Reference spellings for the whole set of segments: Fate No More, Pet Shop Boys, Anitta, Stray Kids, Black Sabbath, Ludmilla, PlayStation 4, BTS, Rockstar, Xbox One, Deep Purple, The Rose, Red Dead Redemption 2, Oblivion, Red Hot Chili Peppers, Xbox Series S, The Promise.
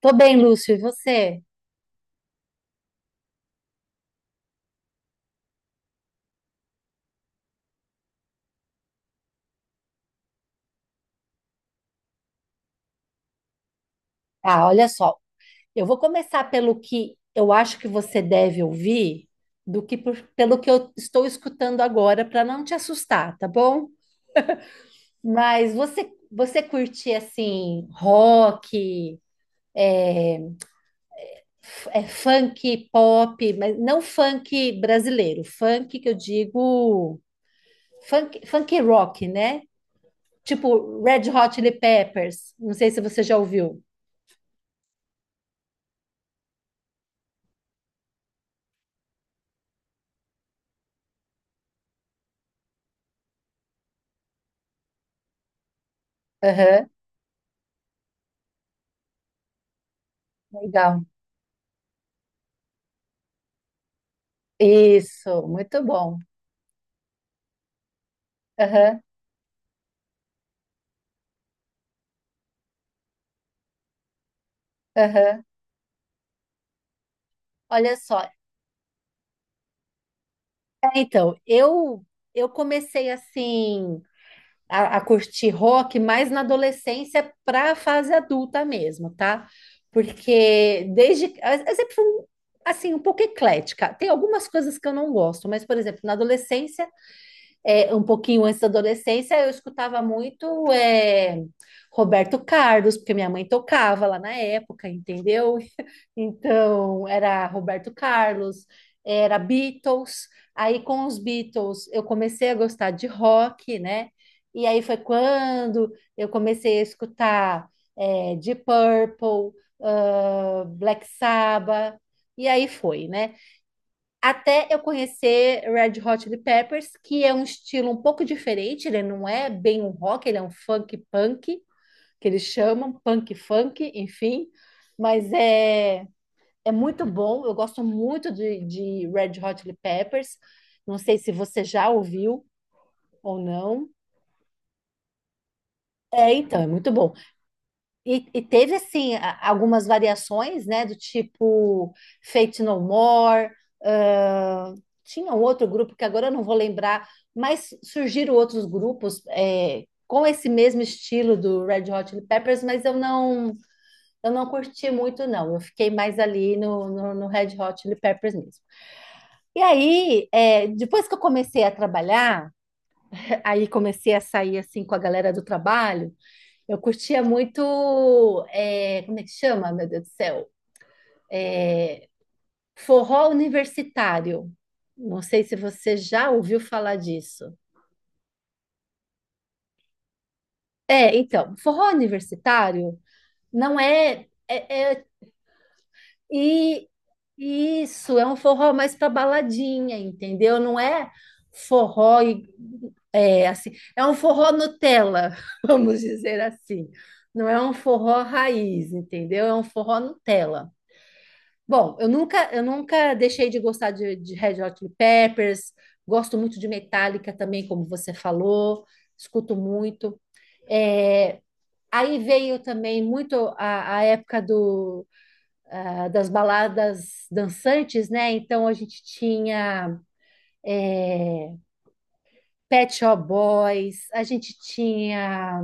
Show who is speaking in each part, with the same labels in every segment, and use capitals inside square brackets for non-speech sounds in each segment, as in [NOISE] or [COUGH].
Speaker 1: Tô bem, Lúcio, e você? Ah, olha só, eu vou começar pelo que eu acho que você deve ouvir do que pelo que eu estou escutando agora para não te assustar, tá bom? Mas você curte assim rock, funk, pop, mas não funk brasileiro, funk que eu digo funk, funk rock, né? Tipo Red Hot Chili Peppers. Não sei se você já ouviu. Aham, legal. Isso, muito bom. Aham, aham. Olha só. Então, eu comecei assim a curtir rock mais na adolescência para a fase adulta mesmo, tá? Porque desde eu sempre fui assim um pouco eclética. Tem algumas coisas que eu não gosto, mas por exemplo, na adolescência um pouquinho antes da adolescência, eu escutava muito Roberto Carlos, porque minha mãe tocava lá na época, entendeu? [LAUGHS] Então, era Roberto Carlos, era Beatles. Aí, com os Beatles, eu comecei a gostar de rock, né? E aí foi quando eu comecei a escutar Deep Purple, ah, Black Sabbath, e aí foi, né? Até eu conhecer Red Hot Chili Peppers, que é um estilo um pouco diferente, ele não é bem um rock, ele é um funk punk, que eles chamam, punk funk, enfim. Mas é muito bom, eu gosto muito de Red Hot Chili Peppers. Não sei se você já ouviu ou não. É, então, é muito bom. E teve, assim, algumas variações, né? Do tipo Fate No More, ah, tinha um outro grupo que agora eu não vou lembrar, mas surgiram outros grupos com esse mesmo estilo do Red Hot Chili Peppers, mas eu não curti muito, não. Eu fiquei mais ali no Red Hot Chili Peppers mesmo. E aí, é, depois que eu comecei a trabalhar, aí comecei a sair, assim, com a galera do trabalho, eu curtia muito, é, como é que chama, meu Deus do céu? Forró universitário. Não sei se você já ouviu falar disso. É, então, forró universitário não é, é, é- e isso é um forró mais para baladinha, entendeu? Não é forró e- é assim, é um forró Nutella, [LAUGHS] vamos dizer assim. Não é um forró raiz, entendeu? É um forró Nutella. Bom, eu nunca deixei de gostar de Red Hot Chili Peppers, gosto muito de Metallica também, como você falou, escuto muito. É, aí veio também muito a época do, ah, das baladas dançantes, né? Então a gente tinha Pet Shop Boys, a gente tinha...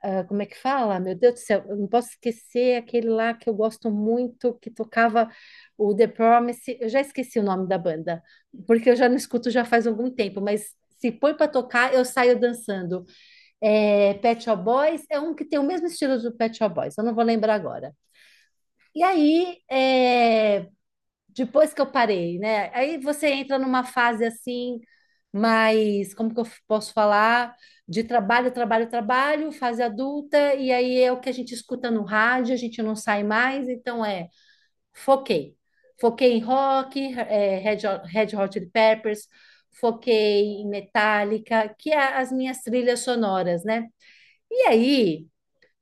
Speaker 1: Ah, como é que fala? Meu Deus do céu, eu não posso esquecer aquele lá que eu gosto muito, que tocava o The Promise. Eu já esqueci o nome da banda, porque eu já não escuto já faz algum tempo, mas se põe para tocar, eu saio dançando. É, Pet Shop Boys é um que tem o mesmo estilo do Pet Shop Boys, eu não vou lembrar agora. E aí, é, depois que eu parei, né? Aí você entra numa fase assim, mais, como que eu posso falar? De trabalho, trabalho, trabalho, fase adulta, e aí é o que a gente escuta no rádio, a gente não sai mais, então é, foquei. Foquei em rock, é, Red Hot Chili Peppers, foquei em Metallica, que é as minhas trilhas sonoras, né? E aí,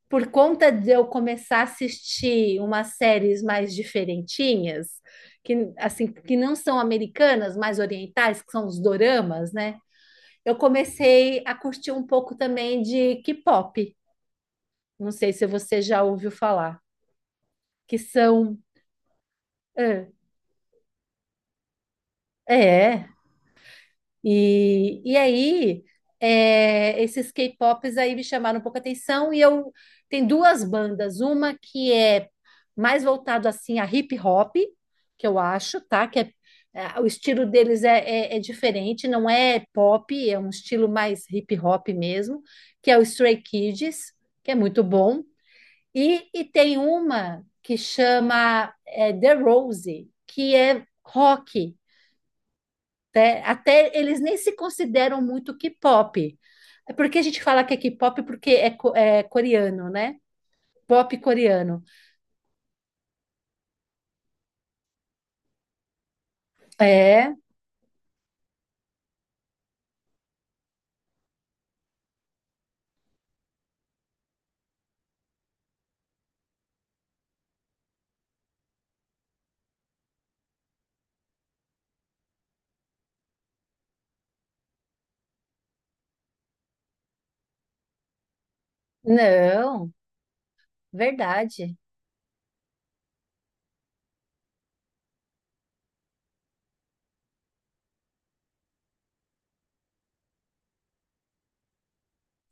Speaker 1: por conta de eu começar a assistir umas séries mais diferentinhas, que assim, que não são americanas, mais orientais, que são os doramas, né? Eu comecei a curtir um pouco também de K-pop. Não sei se você já ouviu falar, que são ah, é, E aí, é, esses K-pops aí me chamaram um pouco a atenção e eu tem duas bandas, uma que é mais voltado assim a hip hop, que eu acho, tá? O estilo deles é diferente, não é pop, é um estilo mais hip hop mesmo, que é o Stray Kids, que é muito bom. E tem uma que chama é, The Rose, que é rock. Até eles nem se consideram muito K-pop. É porque a gente fala que é K-pop porque é coreano, né? Pop coreano. É, não, verdade.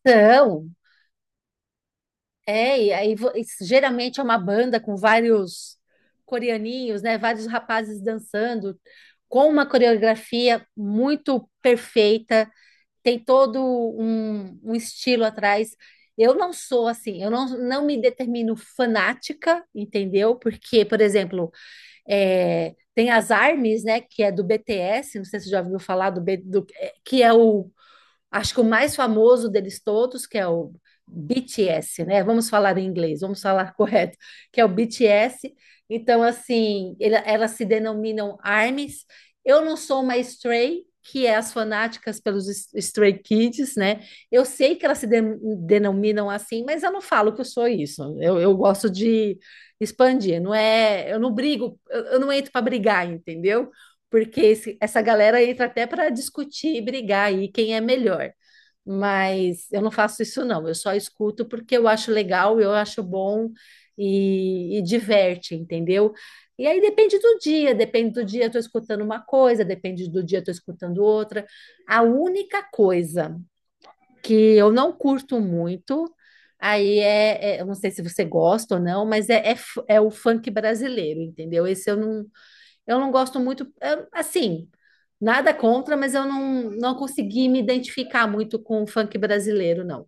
Speaker 1: Não, é, e aí e geralmente é uma banda com vários coreaninhos, né? Vários rapazes dançando, com uma coreografia muito perfeita, tem todo um estilo atrás. Eu não sou assim, eu não, não me determino fanática, entendeu? Porque, por exemplo, é, tem as ARMYs, né, que é do BTS, não sei se você já ouviu falar do, B- do- é, que é o... Acho que o mais famoso deles todos, que é o BTS, né? Vamos falar em inglês, vamos falar [LAUGHS] correto, que é o BTS. Então, assim, elas se denominam ARMYs. Eu não sou uma Stray, que é as fanáticas Stray Kids, né? Eu sei que elas se de- denominam assim, mas eu não falo que eu sou isso. Eu gosto de expandir, não é? Eu não brigo, eu não entro para brigar, entendeu? Porque essa galera entra até para discutir e brigar aí quem é melhor. Mas eu não faço isso, não. Eu só escuto porque eu acho legal, eu acho bom e diverte, entendeu? E aí depende do dia eu tô escutando uma coisa, depende do dia eu tô escutando outra. A única coisa que eu não curto muito, eu não sei se você gosta ou não, mas é o funk brasileiro, entendeu? Esse eu não gosto muito, é, assim, nada contra, mas eu não, não consegui me identificar muito com o funk brasileiro, não.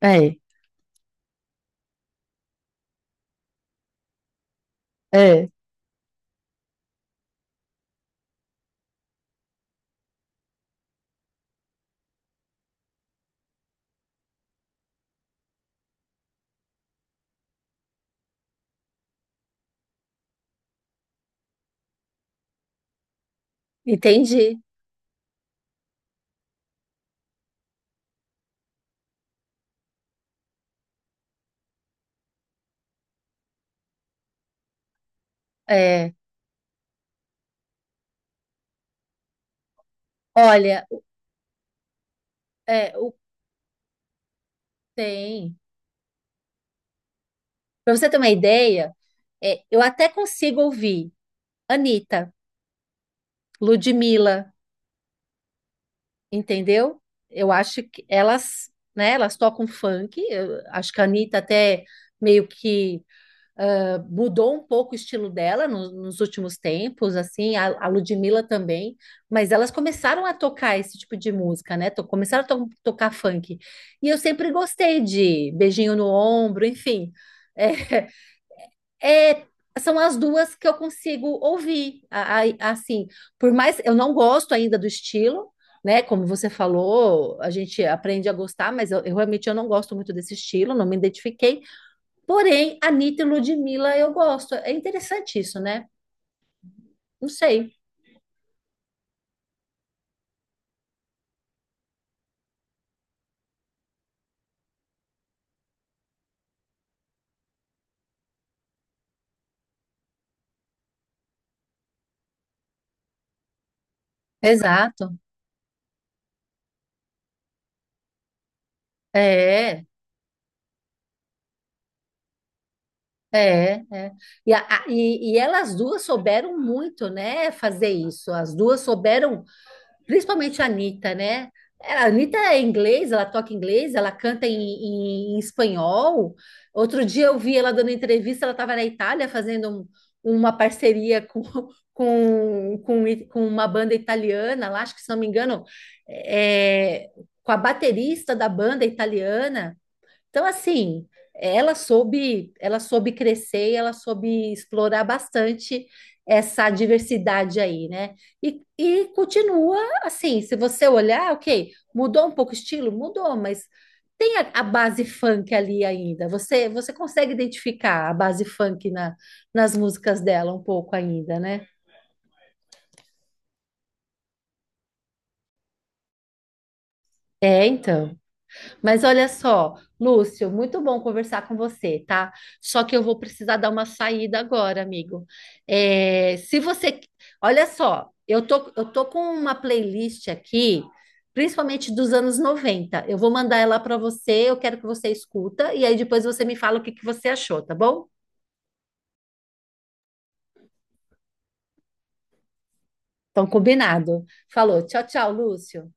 Speaker 1: É, é. Entendi. É, olha, é, o, tem. Para você ter uma ideia, é, eu até consigo ouvir Anitta, Ludmilla, entendeu? Eu acho que elas, né, elas tocam funk. Eu acho que a Anitta até meio que mudou um pouco o estilo dela nos últimos tempos, assim, a Ludmilla também, mas elas começaram a tocar esse tipo de música, né? Começaram a tocar funk. E eu sempre gostei de beijinho no ombro, enfim. É, [LAUGHS] é- são as duas que eu consigo ouvir, assim, por mais eu não gosto ainda do estilo, né? Como você falou, a gente aprende a gostar, mas eu realmente eu não gosto muito desse estilo, não me identifiquei. Porém, Anitta e Ludmilla eu gosto. É interessante isso, né? Não sei. Exato. É, é. E, e elas duas souberam muito, né, fazer isso. As duas souberam principalmente a Anitta, né? É, a Anitta é inglês, ela toca inglês, ela canta em espanhol. Outro dia eu vi ela dando entrevista, ela estava na Itália fazendo uma parceria com, [LAUGHS] com uma banda italiana lá, acho que se não me engano, é, com a baterista da banda italiana. Então, assim, ela soube crescer, e ela soube explorar bastante essa diversidade aí, né? E continua assim, se você olhar, ok, mudou um pouco o estilo? Mudou, mas tem a base funk ali ainda. Você consegue identificar a base funk nas músicas dela um pouco ainda, né? É, então. Mas olha só, Lúcio, muito bom conversar com você, tá? Só que eu vou precisar dar uma saída agora, amigo. É, se você, olha só, eu tô com uma playlist aqui, principalmente dos anos 90. Eu vou mandar ela para você, eu quero que você escuta e aí depois você me fala o que que você achou, tá bom? Então, combinado. Falou, tchau, tchau, Lúcio.